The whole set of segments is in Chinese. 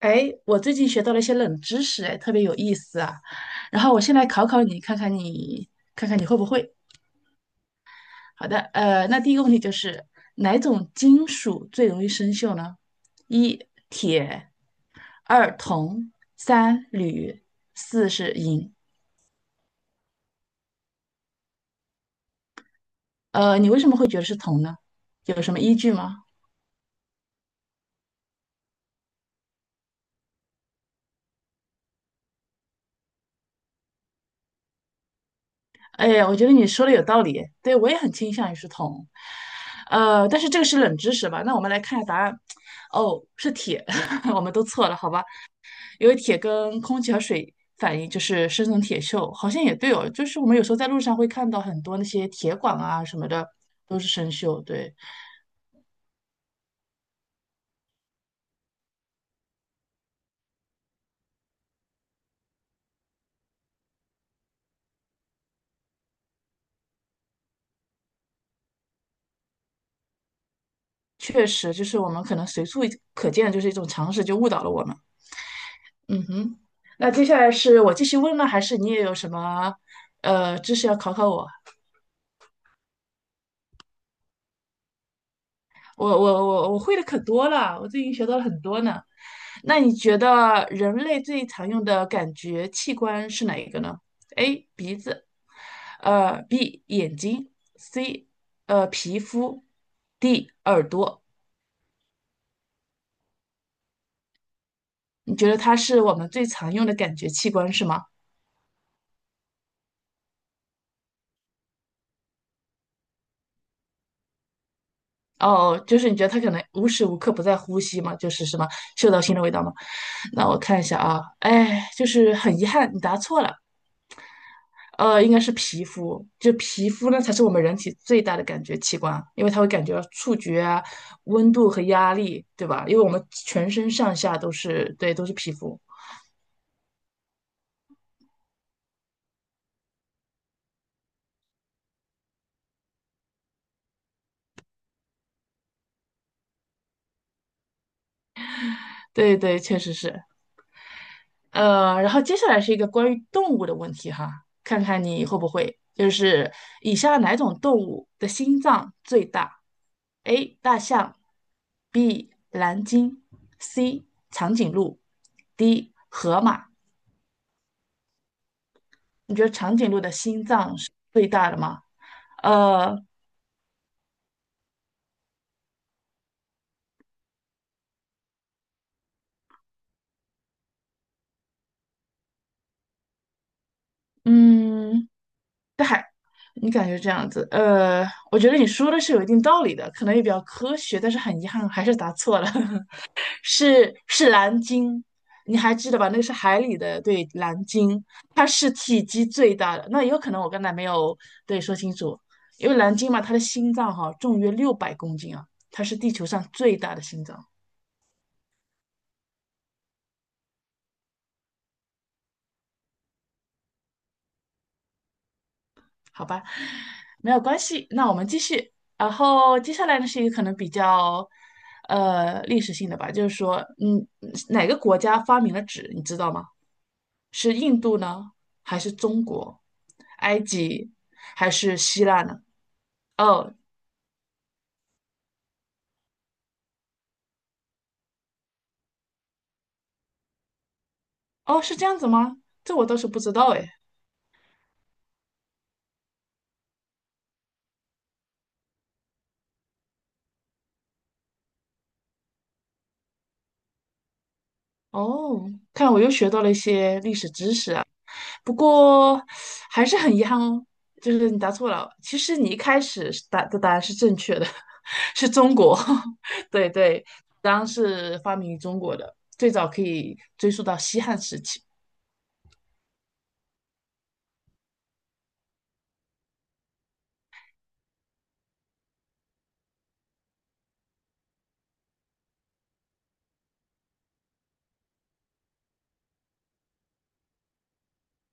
哎，我最近学到了一些冷知识，哎，特别有意思啊。然后我先来考考你，看看你会不会。好的，那第一个问题就是哪种金属最容易生锈呢？一铁，二铜，三铝，四是银。你为什么会觉得是铜呢？有什么依据吗？哎，我觉得你说的有道理，对，我也很倾向于是铜，呃，但是这个是冷知识吧？那我们来看一下答案，哦，是铁，我们都错了，好吧？因为铁跟空气和水反应就是生成铁锈，好像也对哦，就是我们有时候在路上会看到很多那些铁管啊什么的都是生锈，对，确实就是我们可能随处可见的就是一种常识，就误导了我们。嗯哼，那接下来是我继续问呢，还是你也有什么知识要考考我？我会的可多了，我最近学到了很多呢。那你觉得人类最常用的感觉器官是哪一个呢？A. 鼻子，B. 眼睛，C. 皮肤，D. 耳朵。你觉得它是我们最常用的感觉器官是吗？哦，就是你觉得它可能无时无刻不在呼吸嘛，就是什么嗅到新的味道嘛。那我看一下啊，哎，就是很遗憾，你答错了。应该是皮肤，就皮肤呢才是我们人体最大的感觉器官，因为它会感觉到触觉啊、温度和压力，对吧？因为我们全身上下都是，对，都是皮肤。对对，确实是。然后接下来是一个关于动物的问题哈，看看你会不会，就是以下哪种动物的心脏最大？A. 大象，B. 蓝鲸，C. 长颈鹿，D. 河马。你觉得长颈鹿的心脏是最大的吗？呃，嗯，但海，你感觉这样子，我觉得你说的是有一定道理的，可能也比较科学，但是很遗憾还是答错了，是蓝鲸，你还记得吧？那个是海里的，对，蓝鲸，它是体积最大的。那也有可能我刚才没有对说清楚，因为蓝鲸嘛，它的心脏哈、重约600公斤啊，它是地球上最大的心脏。好吧，没有关系。那我们继续。然后接下来呢是一个可能比较，历史性的吧，就是说，嗯，哪个国家发明了纸，你知道吗？是印度呢，还是中国、埃及，还是希腊呢？哦哦，是这样子吗？这我倒是不知道哎。哦，看来我又学到了一些历史知识啊。不过还是很遗憾哦，就是你答错了。其实你一开始是答的答案是正确的，是中国。对对，当然是发明于中国的，最早可以追溯到西汉时期。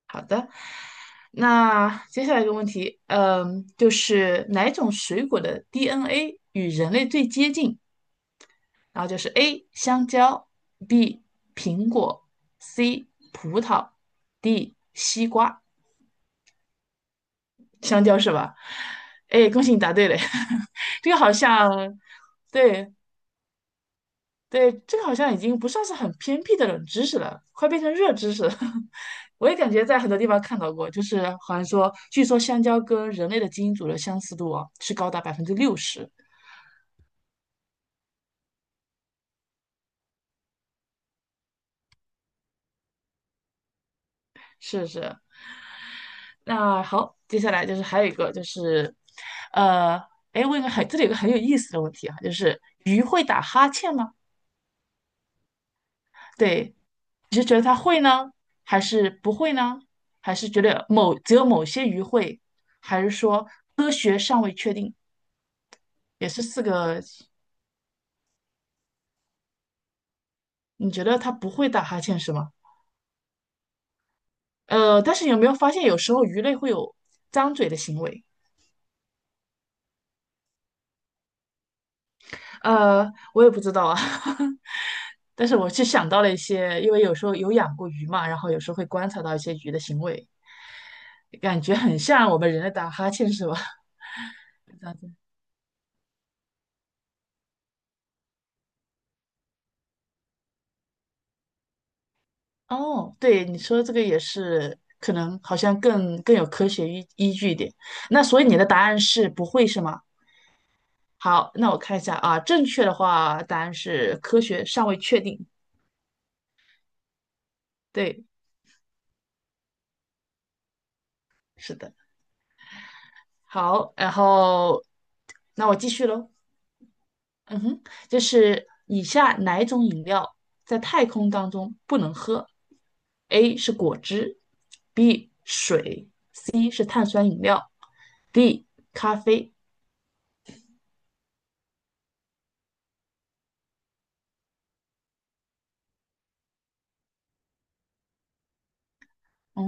好的，那接下来一个问题，嗯，就是哪种水果的 DNA 与人类最接近？然后就是 A 香蕉，B 苹果，C 葡萄，D 西瓜。香蕉是吧？哎，恭喜你答对了。这个好像，对对，这个好像已经不算是很偏僻的冷知识了，快变成热知识了。我也感觉在很多地方看到过，就是好像说，据说香蕉跟人类的基因组的相似度啊，是高达60%。是是，那好，接下来就是还有一个就是，呃，哎，问一个很，这里有个很有意思的问题啊，就是鱼会打哈欠吗？对，你是觉得它会呢，还是不会呢？还是觉得某只有某些鱼会，还是说科学尚未确定？也是四个，你觉得它不会打哈欠是吗？但是你有没有发现有时候鱼类会有张嘴的行为？我也不知道啊。但是我是想到了一些，因为有时候有养过鱼嘛，然后有时候会观察到一些鱼的行为，感觉很像我们人类打哈欠，是吧？这样子哦，对，你说这个也是，可能好像更有科学依据一点。那所以你的答案是不会是吗？好，那我看一下啊，正确的话答案是科学尚未确定。对，是的。好，然后那我继续喽。嗯哼，就是以下哪一种饮料在太空当中不能喝？A 是果汁，B 水是碳酸饮料，D 咖啡。哦，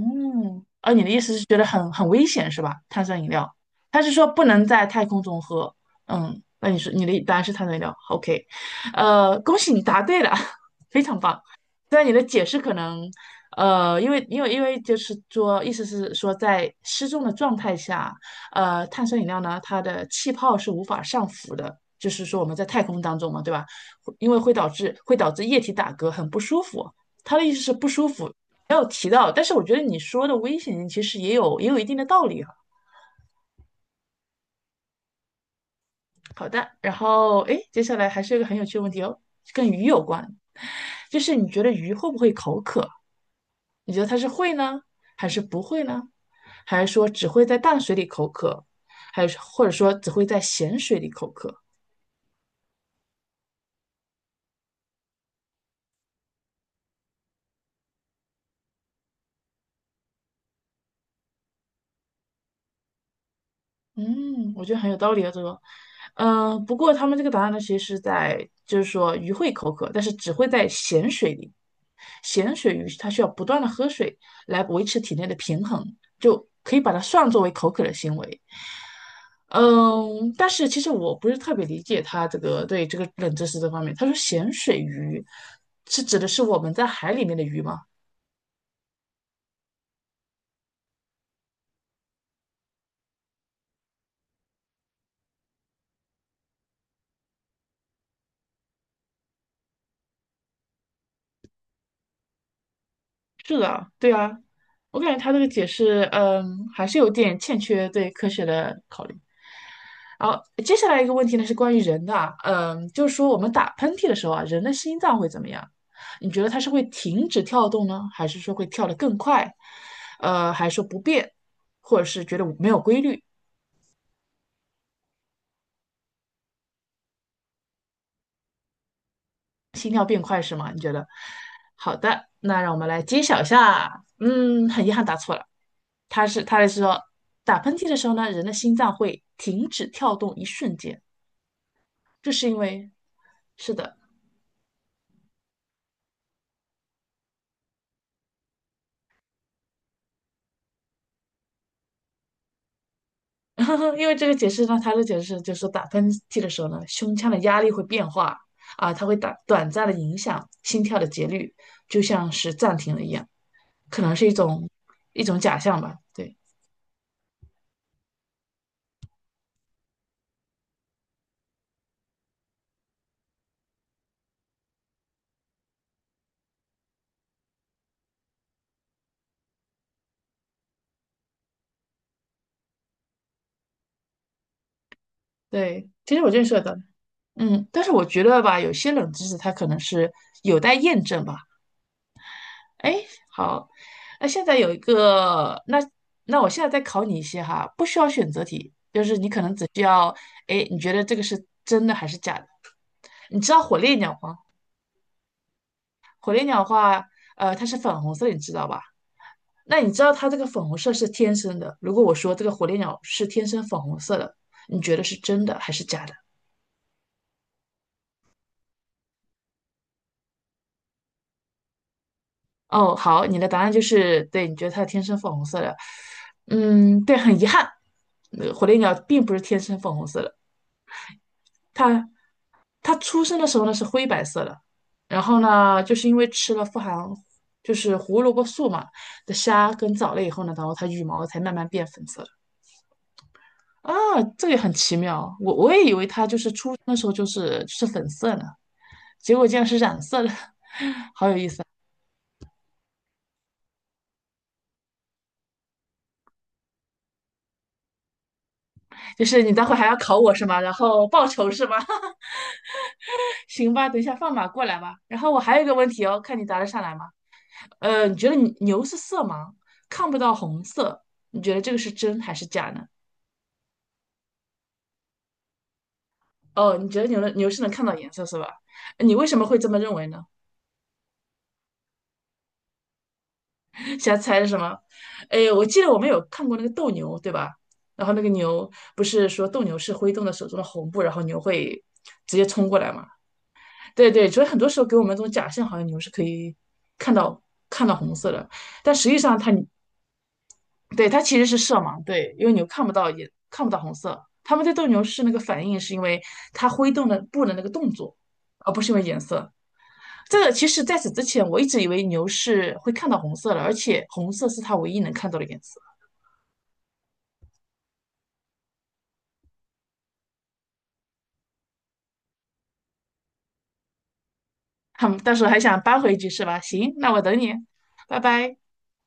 啊，你的意思是觉得很很危险是吧？碳酸饮料，他是说不能在太空中喝。嗯，那你说你的答案是碳酸饮料，OK，恭喜你答对了，非常棒。虽然你的解释可能，因为就是说，意思是说在失重的状态下，碳酸饮料呢，它的气泡是无法上浮的，就是说我们在太空当中嘛，对吧？因为会导致液体打嗝，很不舒服。他的意思是不舒服，没有提到，但是我觉得你说的危险性其实也有一定的道理哈。好的，然后哎，接下来还是有一个很有趣的问题哦，跟鱼有关，就是你觉得鱼会不会口渴？你觉得它是会呢，还是不会呢？还是说只会在淡水里口渴，还是或者说只会在咸水里口渴？嗯，我觉得很有道理啊，这个，嗯，不过他们这个答案呢，其实是在就是说鱼会口渴，但是只会在咸水里，咸水鱼它需要不断的喝水来维持体内的平衡，就可以把它算作为口渴的行为。嗯，但是其实我不是特别理解他这个对这个冷知识这方面，他说咸水鱼是指的是我们在海里面的鱼吗？是的，对啊，我感觉他这个解释，嗯，还是有点欠缺对科学的考虑。好，接下来一个问题呢是关于人的啊，嗯，就是说我们打喷嚏的时候啊，人的心脏会怎么样？你觉得它是会停止跳动呢，还是说会跳得更快？还是说不变，或者是觉得没有规律，心跳变快是吗？你觉得？好的，那让我们来揭晓一下。嗯，很遗憾答错了，他是说打喷嚏的时候呢，人的心脏会停止跳动一瞬间，这是因为，是的，因为这个解释呢，他的解释就是说，打喷嚏的时候呢，胸腔的压力会变化啊，它会打短暂的影响心跳的节律，就像是暂停了一样，可能是一种假象吧。对对，其实我认识的，嗯，但是我觉得吧，有些冷知识它可能是有待验证吧。哎，好，那现在有一个，那我现在再考你一些哈，不需要选择题，就是你可能只需要，哎，你觉得这个是真的还是假的？你知道火烈鸟吗？火烈鸟的话，它是粉红色，你知道吧？那你知道它这个粉红色是天生的？如果我说这个火烈鸟是天生粉红色的，你觉得是真的还是假的？哦，好，你的答案就是对，你觉得它天生粉红色的，嗯，对，很遗憾，火烈鸟并不是天生粉红色的。它它出生的时候呢是灰白色的，然后呢，就是因为吃了富含就是胡萝卜素嘛的虾跟藻类以后呢，然后它羽毛才慢慢变粉色的。啊，这个也很奇妙，我也以为它就是出生的时候就是粉色呢，结果竟然是染色的，好有意思。就是你待会还要考我是吗？然后报仇是吗？行吧，等一下放马过来吧。然后我还有一个问题哦，看你答得上来吗？你觉得牛是色盲，看不到红色，你觉得这个是真还是假呢？哦，你觉得牛是能看到颜色是吧？你为什么会这么认为呢？瞎猜是什么？哎，我记得我们有看过那个斗牛，对吧？然后那个牛不是说斗牛是挥动了手中的红布，然后牛会直接冲过来嘛？对对，所以很多时候给我们这种假象，好像牛是可以看到看到红色的，但实际上它对，它其实是色盲，对，因为牛看不到也看不到红色。他们对斗牛士那个反应，是因为它挥动的布的那个动作，而不是因为颜色。这个其实在此之前，我一直以为牛是会看到红色的，而且红色是它唯一能看到的颜色。他们到时候还想扳回一局是吧？行，那我等你，拜拜。